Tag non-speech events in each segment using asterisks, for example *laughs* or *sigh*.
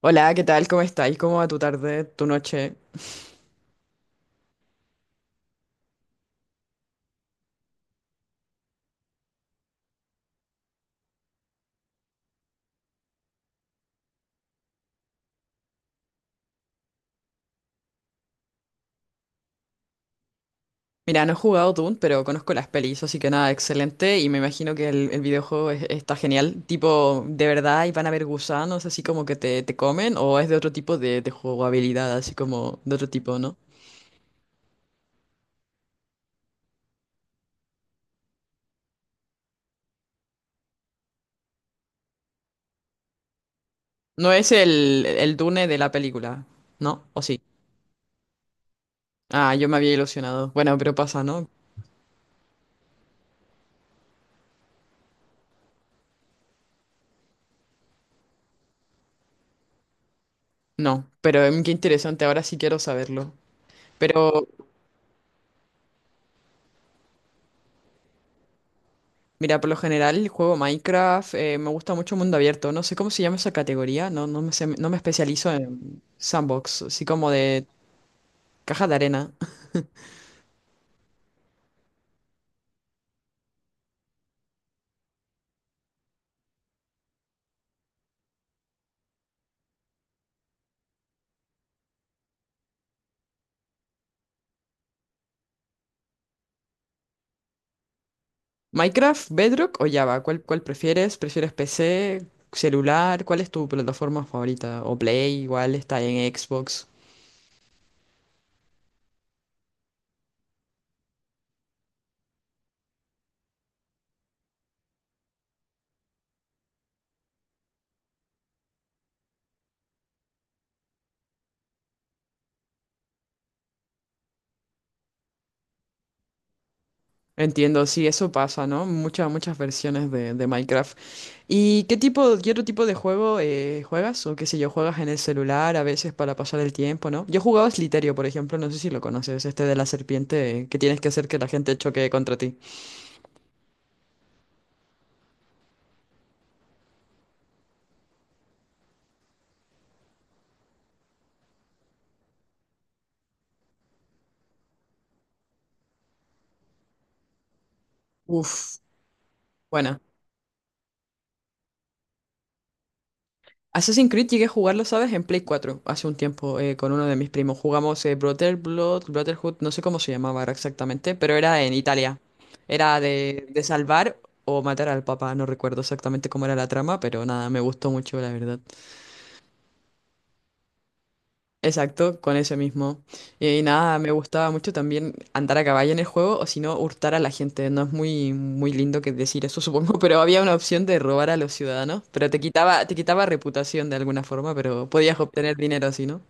Hola, ¿qué tal? ¿Cómo estáis? ¿Cómo va tu tarde, tu noche? Mira, no he jugado Doom, pero conozco las pelis, así que nada, excelente. Y me imagino que el videojuego es- está genial. Tipo, ¿de verdad y van a haber gusanos así como que te comen? ¿O es de otro tipo de jugabilidad, así como de otro tipo, ¿no? No es el Dune de la película, ¿no? ¿O sí? Ah, yo me había ilusionado. Bueno, pero pasa, ¿no? No, pero qué interesante, ahora sí quiero saberlo. Pero mira, por lo general juego Minecraft, me gusta mucho mundo abierto, no sé cómo se llama esa categoría, no, no me, sé- no me especializo en sandbox, así como de caja de arena. *laughs* Minecraft, Bedrock o Java, ¿cuál, cuál prefieres? ¿Prefieres PC, celular? ¿Cuál es tu plataforma favorita? ¿O Play? Igual está en Xbox. Entiendo, sí, eso pasa, ¿no? Muchas, muchas versiones de Minecraft. ¿Y qué tipo, qué otro tipo de juego juegas? O qué sé yo, juegas en el celular a veces para pasar el tiempo, ¿no? Yo jugaba Sliterio, por ejemplo, no sé si lo conoces, este de la serpiente que tienes que hacer que la gente choque contra ti. Uf, bueno. Assassin's Creed llegué a jugarlo, ¿sabes? En Play 4 hace un tiempo con uno de mis primos. Jugamos Brother Blood, Brotherhood, no sé cómo se llamaba ahora exactamente, pero era en Italia. Era de salvar o matar al papá, no recuerdo exactamente cómo era la trama, pero nada, me gustó mucho, la verdad. Exacto, con ese mismo. Y, nada, me gustaba mucho también andar a caballo en el juego o si no, hurtar a la gente. No es muy, muy lindo que decir eso, supongo, *laughs* pero había una opción de robar a los ciudadanos, pero te quitaba reputación de alguna forma, pero podías obtener dinero así, ¿no?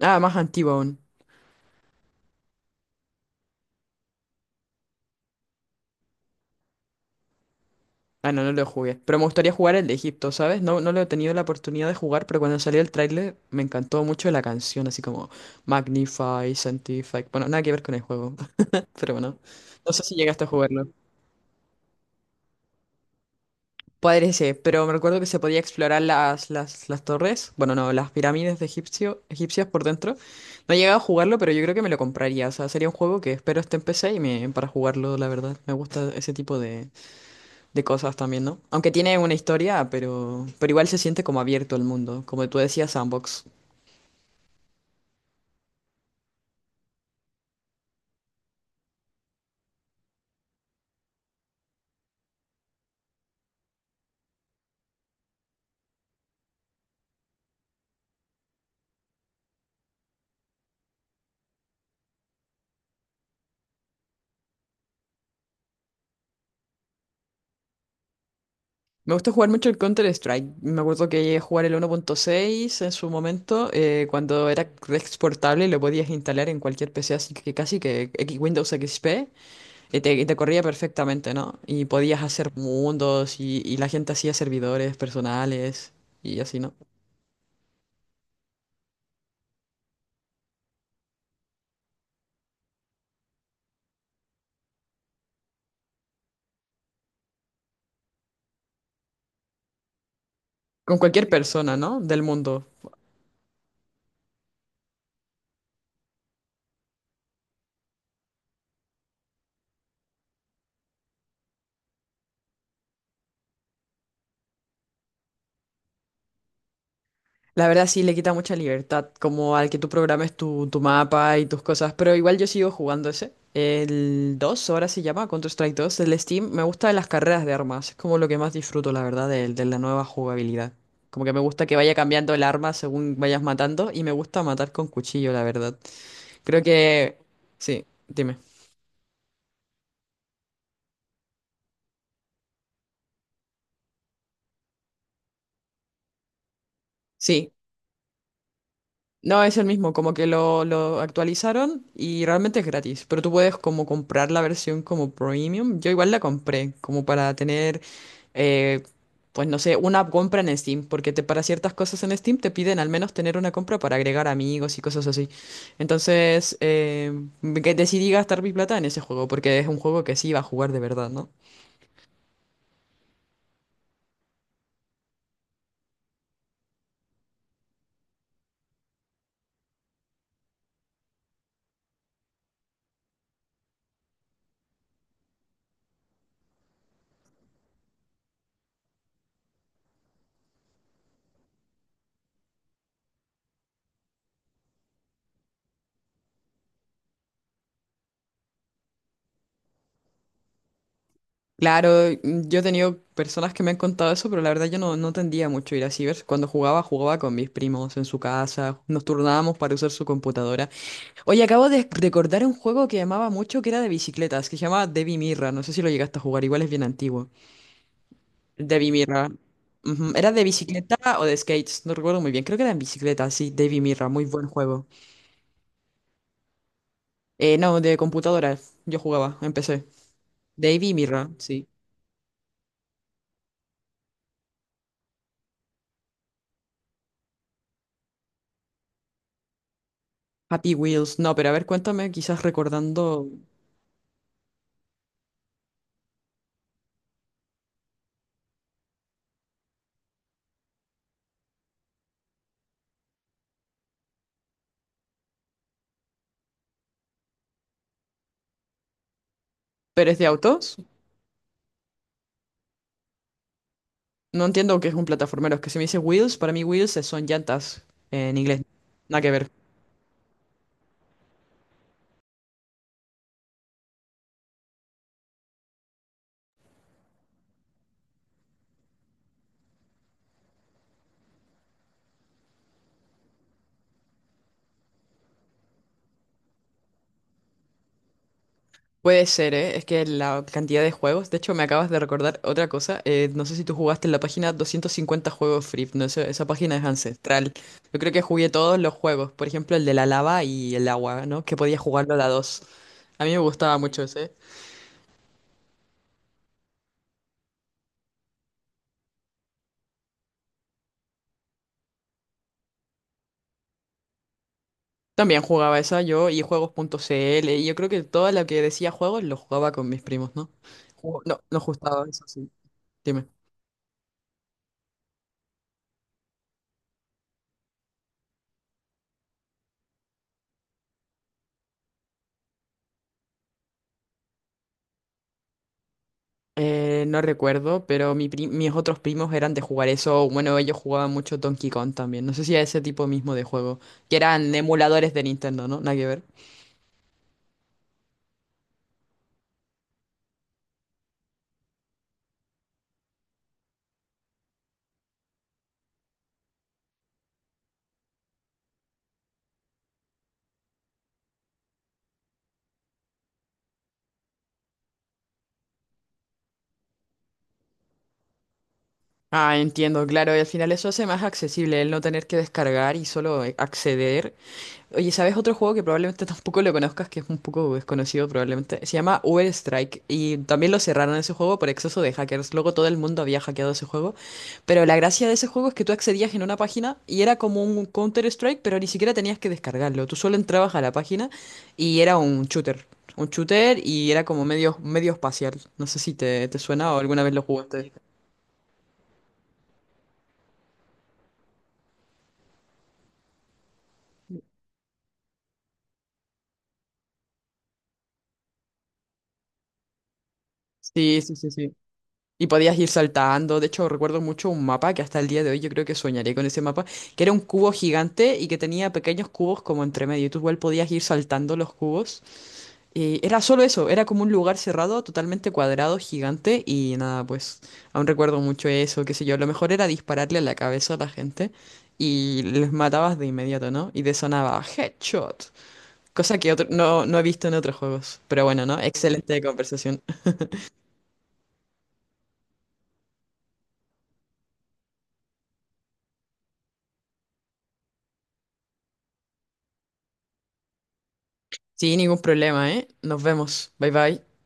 Ah, más antiguo aún. Ah, no, no lo jugué. Pero me gustaría jugar el de Egipto, ¿sabes? No, no lo he tenido la oportunidad de jugar, pero cuando salió el tráiler me encantó mucho la canción, así como Magnify, Sanctify. Bueno, nada que ver con el juego, *laughs* pero bueno. No sé si llegaste a jugarlo. Parece, pero me recuerdo que se podía explorar las torres, bueno, no, las pirámides de egipcio, egipcias por dentro. No he llegado a jugarlo, pero yo creo que me lo compraría. O sea, sería un juego que espero esté en PC y me, para jugarlo, la verdad. Me gusta ese tipo de cosas también, ¿no? Aunque tiene una historia, pero igual se siente como abierto al mundo, como tú decías, sandbox. Me gusta jugar mucho el Counter-Strike. Me acuerdo que llegué a jugar el 1.6 en su momento, cuando era exportable y lo podías instalar en cualquier PC, así que casi que X- Windows XP, y te corría perfectamente, ¿no? Y podías hacer mundos y la gente hacía servidores personales y así, ¿no? Con cualquier persona, ¿no? Del mundo. La verdad sí le quita mucha libertad, como al que tú programes tu, tu mapa y tus cosas, pero igual yo sigo jugando ese. El 2 ahora se llama Counter-Strike 2 el Steam, me gusta de las carreras de armas, es como lo que más disfruto, la verdad, de la nueva jugabilidad. Como que me gusta que vaya cambiando el arma según vayas matando y me gusta matar con cuchillo, la verdad. Creo que... Sí, dime. Sí, no, es el mismo, como que lo actualizaron y realmente es gratis, pero tú puedes como comprar la versión como premium. Yo igual la compré, como para tener, eh, pues no sé, una compra en Steam, porque te, para ciertas cosas en Steam te piden al menos tener una compra para agregar amigos y cosas así. Entonces, que decidí gastar mi plata en ese juego, porque es un juego que sí iba a jugar de verdad, ¿no? Claro, mm, yo he tenido personas que me han contado eso, pero la verdad yo no, no tendía mucho a ir a cibers. Cuando jugaba, jugaba con mis primos en su casa, nos turnábamos para usar su computadora. Oye, acabo de recordar un juego que amaba mucho, que era de bicicletas, que se llamaba Devi Mirra, no sé si lo llegaste a jugar, igual es bien antiguo. Devi Mirra. Ujú. Era de bicicleta o de skates, no recuerdo muy bien, creo que era en bicicleta, sí, Devi Mirra, muy buen juego. No, de computadora, yo jugaba, empecé. Devi Mirra, sí. Happy Wheels, no, pero a ver, cuéntame, quizás recordando. ¿Pero es de autos? No entiendo qué es un plataformero. Es que si me dice wheels, para mí wheels es- son llantas en inglés. Nada que ver. Puede ser, ¿eh? Es que la cantidad de juegos. De hecho, me acabas de recordar otra cosa. No sé si tú jugaste en la página 250 juegos free. No sé, esa página es ancestral. Yo creo que jugué todos los juegos. Por ejemplo, el de la lava y el agua, ¿no? Que podía jugarlo a la 2. A mí me gustaba mucho ese. También jugaba esa yo y juegos.cl. Y yo creo que todo lo que decía juegos lo jugaba con mis primos, ¿no? Ju- no, nos gustaba, eso sí. Dime. No recuerdo, pero mi pri- mis otros primos eran de jugar eso. Bueno, ellos jugaban mucho Donkey Kong también. No sé si a ese tipo mismo de juego, que eran emuladores de Nintendo, ¿no? Nada que ver. Ah, entiendo, claro, y al final eso hace más accesible el no tener que descargar y solo acceder. Oye, ¿sabes otro juego que probablemente *laughs* tampoco lo conozcas, que es un poco desconocido probablemente? Se llama Uber Strike y también lo cerraron ese juego por exceso de hackers. Luego todo el mundo había hackeado ese juego. Pero la gracia de ese juego es que tú accedías en una página y era como un Counter Strike, pero ni siquiera tenías que descargarlo. Tú solo entrabas a la página y era un shooter. Un shooter y era como medio, medio espacial. No sé si te, te suena o alguna vez lo jugaste. Sí, sí, sí, sí. Y podías ir saltando. De hecho, recuerdo mucho un mapa que hasta el día de hoy yo creo que soñaré con ese mapa, que era un cubo gigante y que tenía pequeños cubos como entre medio. Y tú igual podías ir saltando los cubos. Y era solo eso, era como un lugar cerrado, totalmente cuadrado, gigante. Y nada, pues aún recuerdo mucho eso, qué sé yo. Lo mejor era dispararle a la cabeza a la gente y les matabas de inmediato, ¿no? Y te sonaba headshot. Cosa que otro- no, no he visto en otros juegos. Pero bueno, ¿no? Excelente conversación. Sí, ningún problema, ¿eh? Nos vemos. Bye bye.